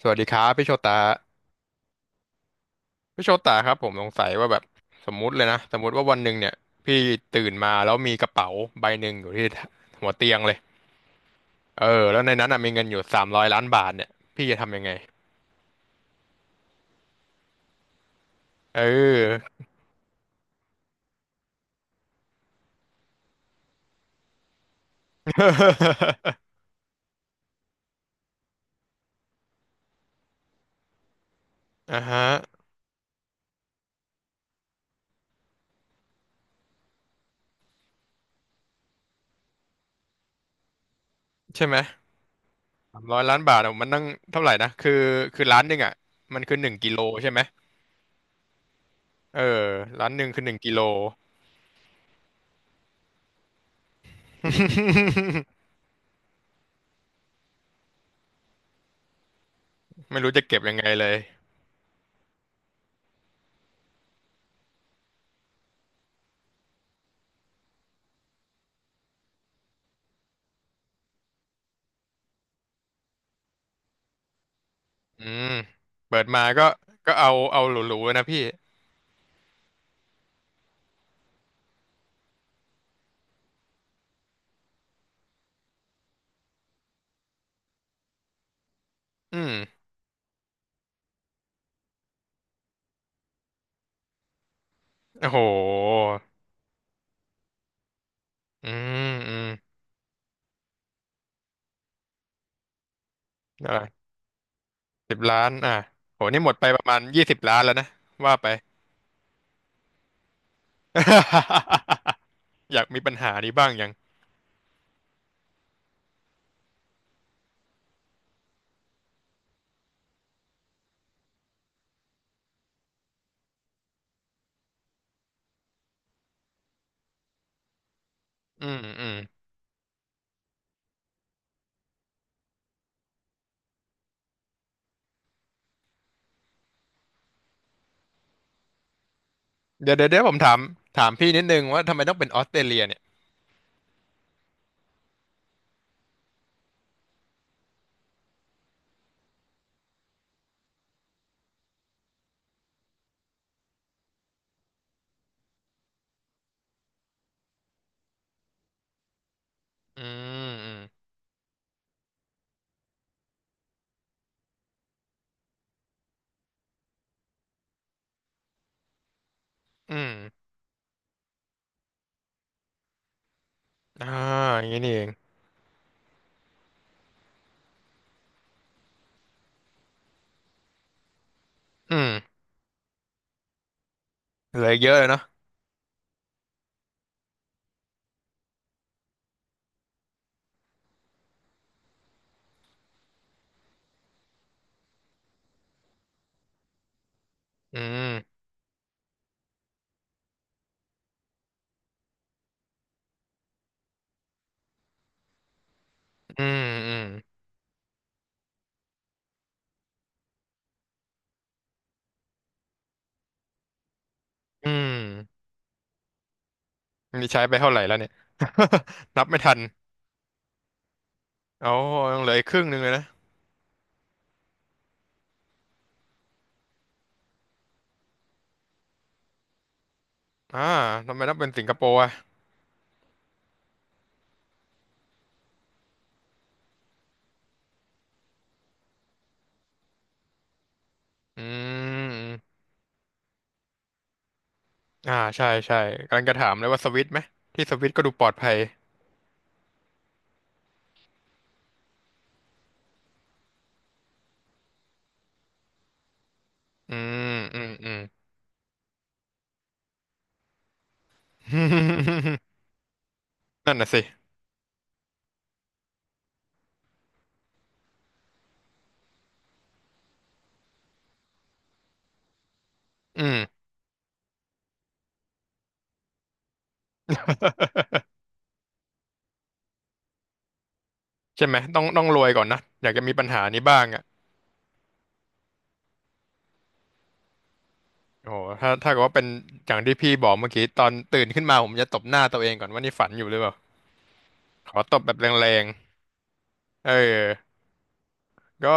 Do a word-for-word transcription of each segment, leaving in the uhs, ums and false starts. สวัสดีครับพี่โชตาพี่โชตาครับผมสงสัยว่าแบบสมมุติเลยนะสมมุติว่าวันหนึ่งเนี่ยพี่ตื่นมาแล้วมีกระเป๋าใบหนึ่งอยู่ที่หัวเตียงเลยเออแล้วในนั้นน่ะมีเงินอยู่สามร้อยล้านบาทเนี่ยพี่จะทำยังไงเอออ่ะฮะใช่ไหมสามร้อยล้านบาทอะมันนั่งเท่าไหร่นะคือคือล้านหนึ่งอ่ะมันคือหนึ่งกิโลใช่ไหมเออล้านหนึ่งคือหนึ่งกิโลไม่รู้จะเก็บยังไงเลยอืมเปิดมาก็ก็เอาเอาหรูๆเลยนะพี่อืมโอ้โห อืมอืมอ่าสิบล้านอ่ะโหนี่หมดไปประมาณยี่สิบล้านแล้วนะว่าไป อยากมีปัญหานี้บ้างยังอืมอืมเดี๋ยวเดี๋ยวเดี๋ยวผมถามถามพี่นิดนึงว่าทำไมต้องเป็นออสเตรเลียเนี่ยอืมอืมอืมอ่าอย่างนี้นี่เองอืมเหลืออีกเยอะเลยเนาะอืมอืมอืมอืมนี่ใช้ไปเท่าไหร่แล้วเนี่ย นับไม่ทันโอ้ยังเหลืออีกครึ่งหนึ่งเลยนะอ่าทำไมต้องเป็นสิงคโปร์อ่ะอืม อ่าใช่ใช่กำลังจะถามเลยว่าสวิตช์ไหมที่สวิตช์ก็ดูปลอดภัยอืมอืมอืม นั่นน่ะสิอืมใช่ไหมต้องต้องรวยก่อนนะอยากจะมีปัญหานี้บ้างอ่ะโอ้โหถ้าถ้าเกิดว่าเป็นอย่างที่พี่บอกเมื่อกี้ตอนตื่นขึ้นมาผมจะตบหน้าตัวเองก่อนว่านี่ฝันอยู่หรือเปล่าขอตบแบบแรงๆเออก็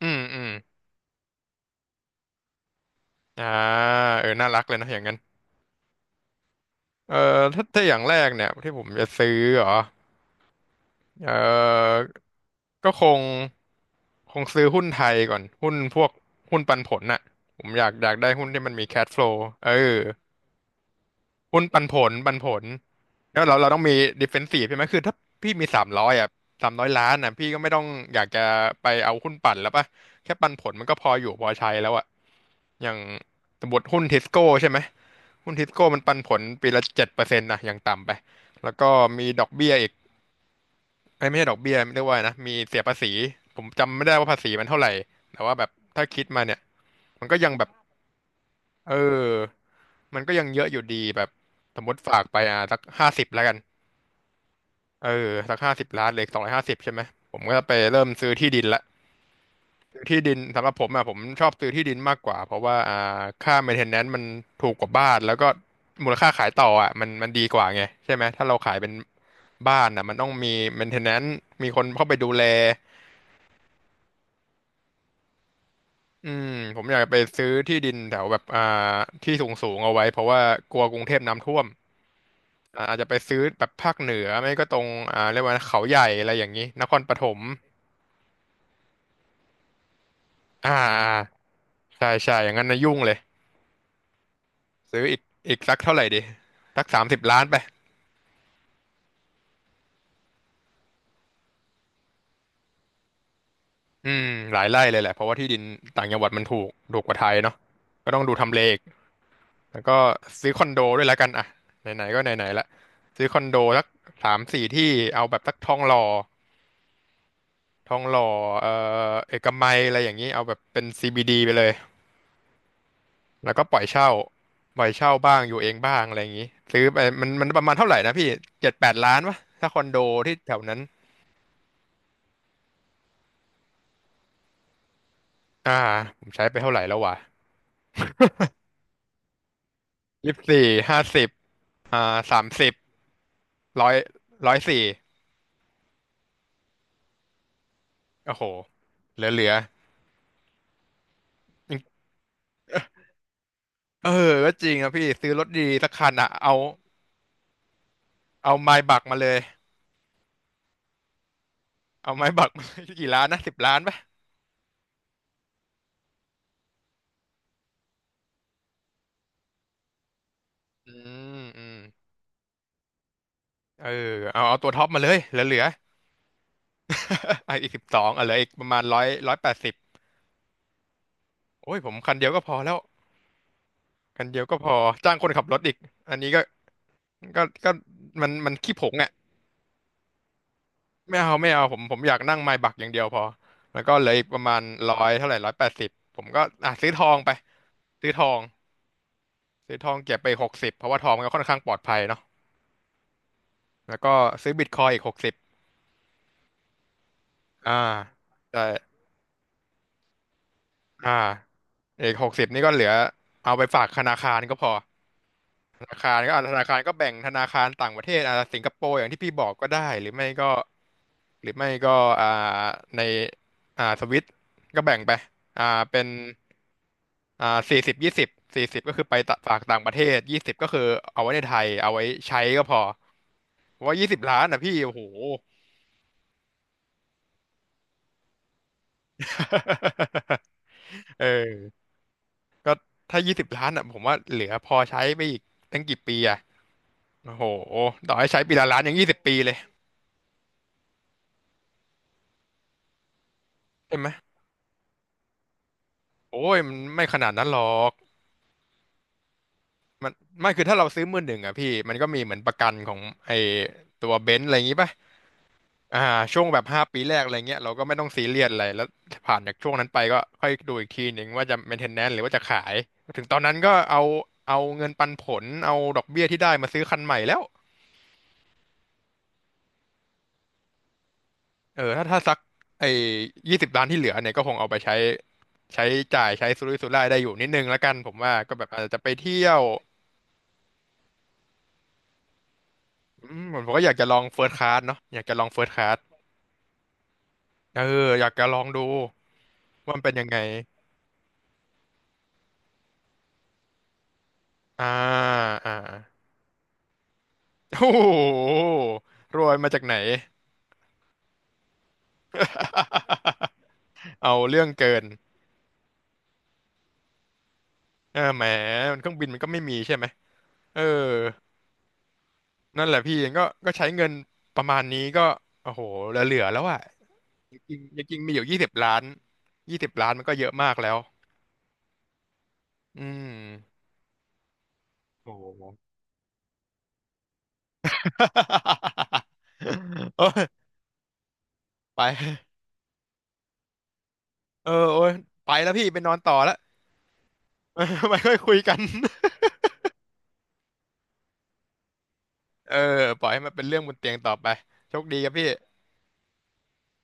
อืมอืมอ่าเออน่ารักเลยนะอย่างนั้นเออถ้าถ้าอย่างแรกเนี่ยที่ผมจะซื้อเหรอเออก็คง คงซื้อหุ้นไทยก่อนหุ้นพวกหุ้นปันผลน่ะผมอยากอยากได้หุ้นที่มันมี cash flow เออหุ้นปันผลปันผลแล้วเราเราต้องมี defensive ใช่ไหมคือถ้าพี่มีสามร้อยอ่ะสามร้อยล้านอ่ะพี่ก็ไม่ต้องอยากจะไปเอาหุ้นปั่นแล้วป่ะแค่ปันผลมันก็พออยู่พอใช้แล้วอ่ะอย่างสมมติหุ้นทิสโก้ใช่ไหมหุ้นทิสโก้มันปันผลปีละเจ็ดเปอร์เซ็นต์นะอย่างต่ำไปแล้วก็มีดอกเบี้ยอีก ไอ้ยไม่ใช่ดอกเบี้ยเรียกว่าไงนะมีเสียภาษีผมจำไม่ได้ว่าภาษีมันเท่าไหร่แต่ว่าแบบถ้าคิดมาเนี่ยมันก็ยังแบบเออมันก็ยังเยอะอยู่ดีแบบสมมติฝากไปอ่ะสักห้าสิบแล้วกันเออสักห้าสิบล้านเหลือสองร้อยห้าสิบใช่ไหมผมก็จะไปเริ่มซื้อที่ดินละซื้อที่ดินสำหรับผมอ่ะผมชอบซื้อที่ดินมากกว่าเพราะว่าอ่าค่า maintenance มันถูกกว่าบ้านแล้วก็มูลค่าขายต่ออ่ะมันมันดีกว่าไงใช่ไหมถ้าเราขายเป็นบ้านอ่ะมันต้องมี maintenance มีคนเข้าไปดูแล อืมผมอยากไปซื้อที่ดินแถวแบบอ่าที่สูงสูงเอาไว้เพราะว่ากลัวกรุงเทพน้ำท่วมอ่าอาจจะไปซื้อแบบภาคเหนือไม่ก็ตรงอ่าเรียกว่าเขาใหญ่อะไรอย่างนี้นครปฐมอ่าอ่าใช่ใช่อย่างนั้นนะยุ่งเลยซื้ออีกอีกสักเท่าไหร่ดีสักสามสิบล้านไปอืมหลายไร่เลยแหละเพราะว่าที่ดินต่างจังหวัดมันถูกถูกกว่าไทยเนาะก็ต้องดูทำเลอีกแล้วก็ซื้อคอนโดด้วยแล้วกันอ่ะไหนๆก็ไหนๆละซื้อคอนโดสักสามสี่ที่เอาแบบสักทองหล่อ ทองหล่อเอ่อเอกมัยอะไรอย่างนี้เอาแบบเป็น ซี บี ดี ไปเลยแล้วก็ปล่อยเช่าปล่อยเช่าบ้างอยู่เองบ้างอะไรอย่างนี้ ซื้อไปมันมันประมาณเท่าไหร่นะพี่เจ็ดแปดล้านวะถ้าคอนโดที่แถวนั้น อ่าผมใช้ไปเท่าไหร่แล้ววะยี่สิบสี่ห้าสิบอ่าสามสิบร้อยร้อยสี่โอ้โหเหลือเหลือ เออก็จริงนะพี่ ซื้อรถดีสักคันอ่ะ เอาเอาไม้บักมาเลยเอาไม้บักมาเลย กี่ล้านนะสิบล้านปะอืมอืม เออเอาเอาตัวท็อปมาเลยเหลือเหลือ ไออีกสิบสองอ่ะเหลืออีกประมาณร้อยร้อยแปดสิบโอ้ยผมคันเดียวก็พอแล้วคันเดียวก็พอจ้างคนขับรถอีกอันนี้ก็ก็ก็มันมันขี้ผงอ่ะไม่เอาไม่เอาผมผมอยากนั่งไมบักอย่างเดียวพอแล้วก็เหลืออีกประมาณร้อยเท่าไหร่ร้อยแปดสิบผมก็อ่ะซื้อทองไปซื้อทองซื้อทองเก็บไปหกสิบเพราะว่าทองมันก็ค่อนข้างปลอดภัยเนาะแล้วก็ซื้อบิตคอยอีกหกสิบอ่าแต่อ่าอีกหกสิบนี่ก็เหลือเอาไปฝากธนาคารก็พอ ธนาคารก็อ่ะธนาคารก็แบ่งธนาคารต่างประเทศอ่ะสิงคโปร์อย่างที่พี่บอกก็ได้หรือไม่ก็หรือไม่ก็อ่าในอ่าสวิตก็แบ่งไปอ่าเป็นอ่าสี่สิบยี่สิบสี่สิบก็คือไปตะฝากต่างประเทศยี่สิบก็คือเอาไว้ในไทยเอาไว้ใช้ก็พอเพราะว่ายี่สิบล้านอ่ะพี่โอ้โห เออก็ถ้ายี่สิบล้านอ่ะผมว่าเหลือพอใช้ไปอีกตั้งกี่ปีอ่ะโอ้โหต่อให้ใช้ปีละล้านยังยี่สิบปีเลยใช่ไหม โอ้ยมันไม่ขนาดนั้นหรอกมันไม่คือถ้าเราซื้อมือหนึ่งอ่ะพี่มันก็มีเหมือนประกันของไอ้ตัวเบนซ์อะไรอย่างงี้ป่ะอ่าช่วงแบบห้าปีแรกอะไรเงี้ยเราก็ไม่ต้องซีเรียสอะไรแล้วผ่านจากช่วงนั้นไปก็ค่อยดูอีกทีหนึ่งว่าจะ maintenance หรือว่าจะขายถึงตอนนั้นก็เอาเอาเงินปันผลเอาดอกเบี้ยที่ได้มาซื้อคันใหม่แล้วเออถ้าถ้าสักไอ้ยี่สิบล้านที่เหลือเนี่ยก็คงเอาไปใช้ใช้จ่ายใช้สุรุ่ยสุร่ายได้อยู่นิดนึงแล้วกันผมว่าก็แบบอาจจะไปเที่ยว อืมผมก็อยากจะลองเฟิร์สคลาสเนาะอยากจะลองเฟิร์สคลาสเอออยากจะลองดูว่ามันเป็นยังไงอ่าอ่าโอ้โหรวยมาจากไหน เอาเรื่องเกินเออแหมมันเครื่องบินมันก็ไม่มีใช่ไหมเออนั่นแหละพี่ก็ก็ใช้เงินประมาณนี้ก็โอ้โหเหลือๆแล้วอ่ะจริงๆจริงๆมีอยู่ยี่สิบล้านยี่สิบล้านมันก็เยอะมากแล้วอืมโอ้โห โอ้ยไป เออโอ้ยไปแล้วพี่ไปนอนต่อแล้ว ไม่ค่อยคุยกัน เออปล่อยให้มันเป็นเรื่องบนเตียงต่อไปโชคดีครับพี่